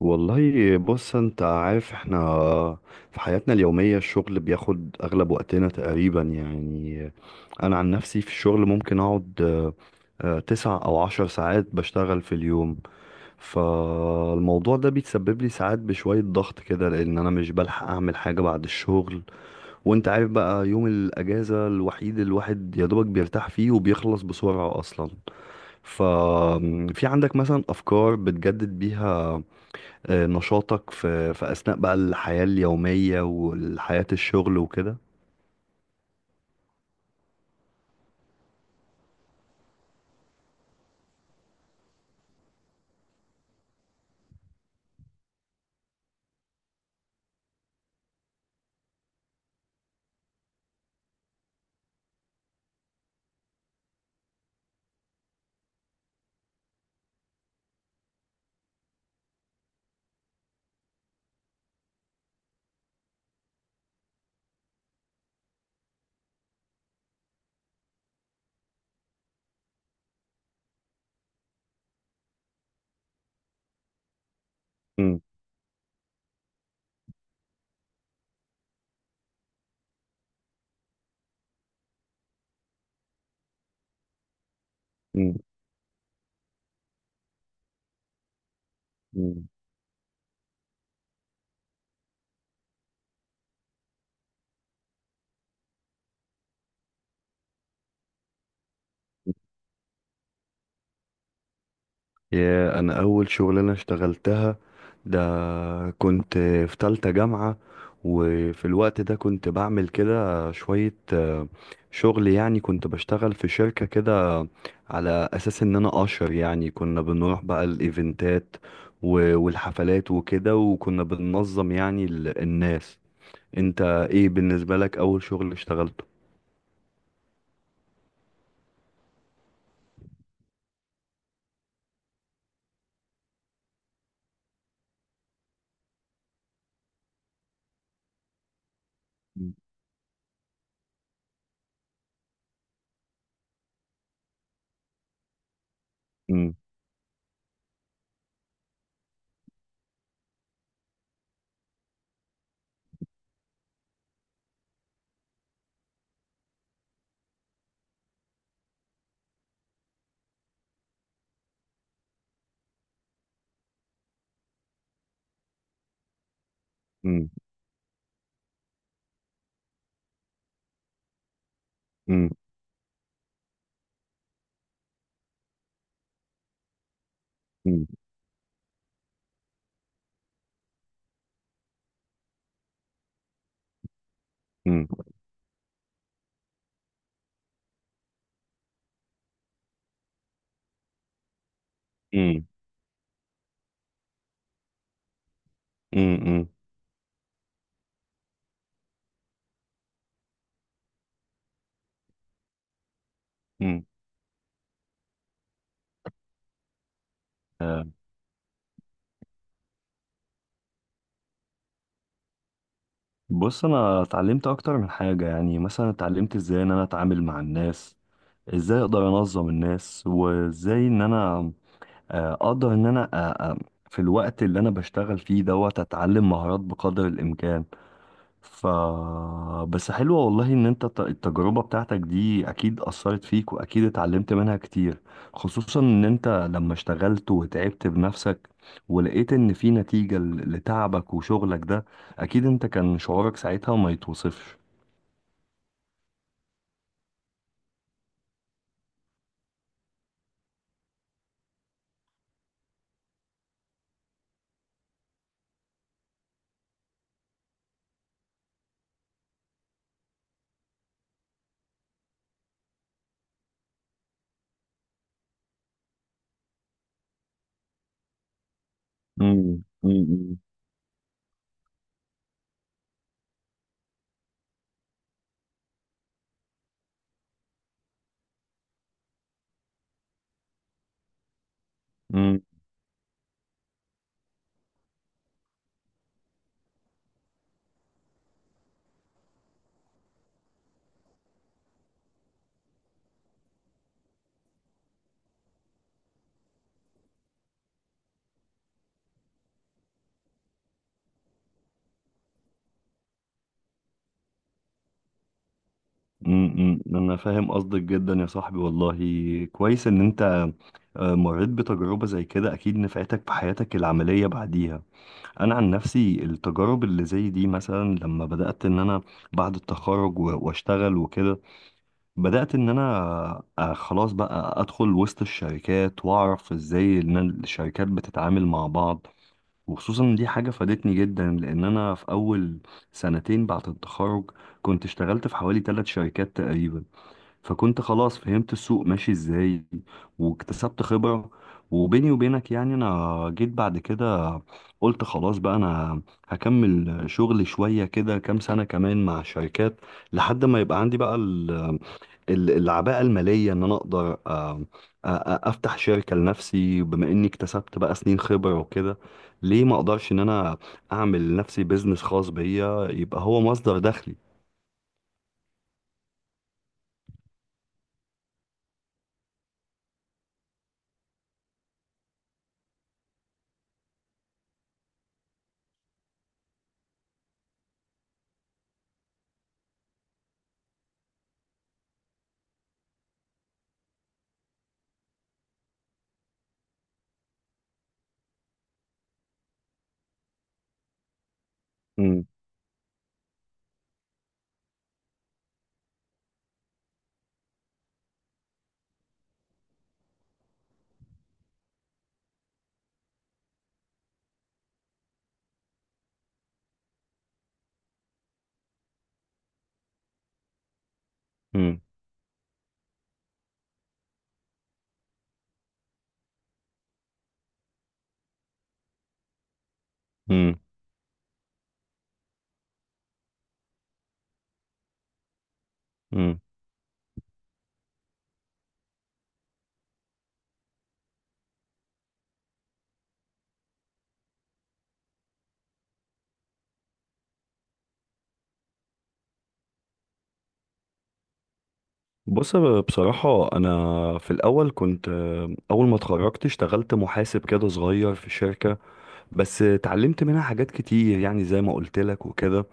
والله بص انت عارف احنا في حياتنا اليومية الشغل بياخد اغلب وقتنا تقريبا، يعني انا عن نفسي في الشغل ممكن اقعد 9 أو 10 ساعات بشتغل في اليوم. فالموضوع ده بيتسبب لي ساعات بشوية ضغط كده، لان انا مش بلحق اعمل حاجة بعد الشغل. وانت عارف بقى يوم الاجازة الوحيد الواحد يا دوبك بيرتاح فيه وبيخلص بسرعة اصلا. ففي عندك مثلا افكار بتجدد بيها نشاطك في أثناء بقى الحياة اليومية والحياة الشغل وكده؟ مم. مم. مم. يا، أنا أول شغلانة اشتغلتها ده كنت في تالتة جامعة. وفي الوقت ده كنت بعمل كده شوية شغل، يعني كنت بشتغل في شركة كده على أساس إن أنا أشر، يعني كنا بنروح بقى الإيفنتات والحفلات وكده، وكنا بننظم يعني الناس. انت ايه بالنسبة لك اول شغل اشتغلته؟ مم. مم. مم. مم. مم. مم. مم. مم. بص انا اتعلمت اكتر من حاجة، يعني مثلا اتعلمت ازاي ان انا اتعامل مع الناس، ازاي اقدر انظم الناس، وازاي ان انا اقدر ان انا آه، في الوقت اللي انا بشتغل فيه دوت اتعلم مهارات بقدر الامكان. ف بس حلوة والله ان انت التجربة بتاعتك دي اكيد اثرت فيك واكيد اتعلمت منها كتير، خصوصا ان انت لما اشتغلت وتعبت بنفسك ولقيت ان في نتيجة لتعبك وشغلك ده، اكيد انت كان شعورك ساعتها ما يتوصفش. امم. امم. امم. امم. انا فاهم قصدك جدا يا صاحبي والله. كويس ان انت مريت بتجربة زي كده، اكيد نفعتك في حياتك العملية بعديها. انا عن نفسي التجارب اللي زي دي مثلا لما بدات ان انا بعد التخرج واشتغل وكده، بدات ان انا خلاص بقى ادخل وسط الشركات واعرف ازاي ان الشركات بتتعامل مع بعض، وخصوصا إن دي حاجه فادتني جدا لان انا في اول سنتين بعد التخرج كنت اشتغلت في حوالي ثلاث شركات تقريبا، فكنت خلاص فهمت السوق ماشي ازاي واكتسبت خبرة. وبيني وبينك يعني انا جيت بعد كده قلت خلاص بقى انا هكمل شغل شوية كده كام سنة كمان مع شركات، لحد ما يبقى عندي بقى العباءة المالية ان انا اقدر افتح شركة لنفسي، بما اني اكتسبت بقى سنين خبرة وكده، ليه ما اقدرش ان انا اعمل لنفسي بيزنس خاص بيا يبقى هو مصدر دخلي؟ مم. مم. مم. مم. بص بصراحة أنا في الأول كنت، أول ما اتخرجت اشتغلت محاسب كده صغير في شركة، بس اتعلمت منها حاجات كتير يعني زي ما قلت لك وكده.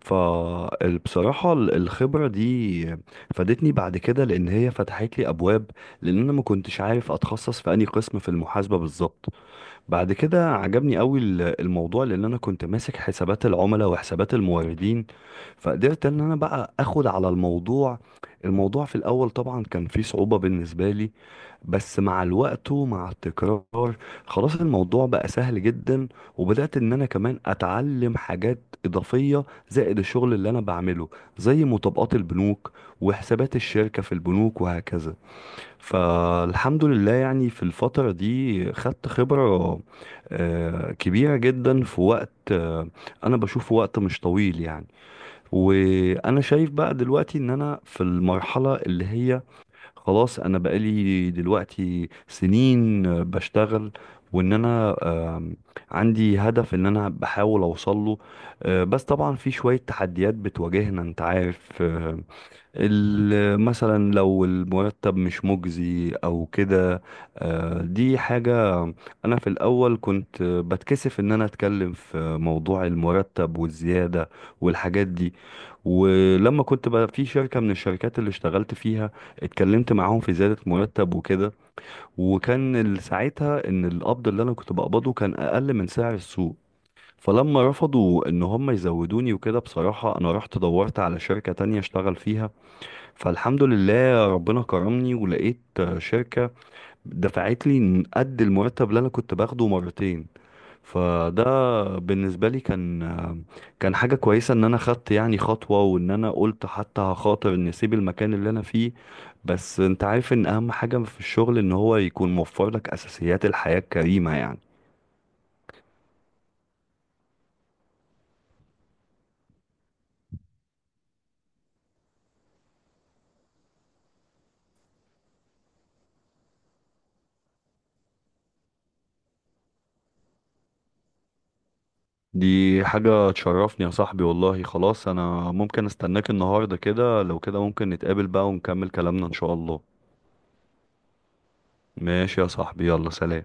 فبصراحة الخبرة دي فادتني بعد كده لأن هي فتحت لي أبواب، لأن أنا ما كنتش عارف أتخصص في أي قسم في المحاسبة بالظبط. بعد كده عجبني قوي الموضوع، لان انا كنت ماسك حسابات العملاء وحسابات الموردين، فقدرت ان انا بقى اخد على الموضوع. الموضوع في الاول طبعا كان فيه صعوبة بالنسبة لي، بس مع الوقت ومع التكرار خلاص الموضوع بقى سهل جدا، وبدأت ان انا كمان اتعلم حاجات اضافية زائد الشغل اللي انا بعمله، زي مطابقات البنوك وحسابات الشركة في البنوك وهكذا. فالحمد لله يعني في الفترة دي خدت خبرة كبيرة جدا في وقت، أنا بشوفه وقت مش طويل يعني. وأنا شايف بقى دلوقتي إن أنا في المرحلة اللي هي خلاص، أنا بقالي دلوقتي سنين بشتغل، وإن أنا آم، عندي هدف إن أنا بحاول أوصله. بس طبعا في شوية تحديات بتواجهنا أنت عارف، مثلا لو المرتب مش مجزي او كده. دي حاجة، انا في الاول كنت بتكسف ان انا اتكلم في موضوع المرتب والزيادة والحاجات دي. ولما كنت بقى في شركة من الشركات اللي اشتغلت فيها اتكلمت معاهم في زيادة مرتب وكده، وكان ساعتها ان القبض اللي انا كنت بقبضه كان اقل من سعر السوق. فلما رفضوا ان هم يزودوني وكده، بصراحة انا رحت دورت على شركة تانية اشتغل فيها، فالحمد لله ربنا كرمني ولقيت شركة دفعت لي قد المرتب اللي انا كنت باخده مرتين. فده بالنسبة لي كان حاجة كويسة ان انا خدت يعني خطوة وان انا قلت حتى هخاطر ان اسيب المكان اللي انا فيه، بس انت عارف ان اهم حاجة في الشغل ان هو يكون موفر لك اساسيات الحياة الكريمة يعني. دي حاجة تشرفني يا صاحبي والله، خلاص انا ممكن استناك النهاردة كده، لو كده ممكن نتقابل بقى ونكمل كلامنا ان شاء الله. ماشي يا صاحبي، يلا سلام.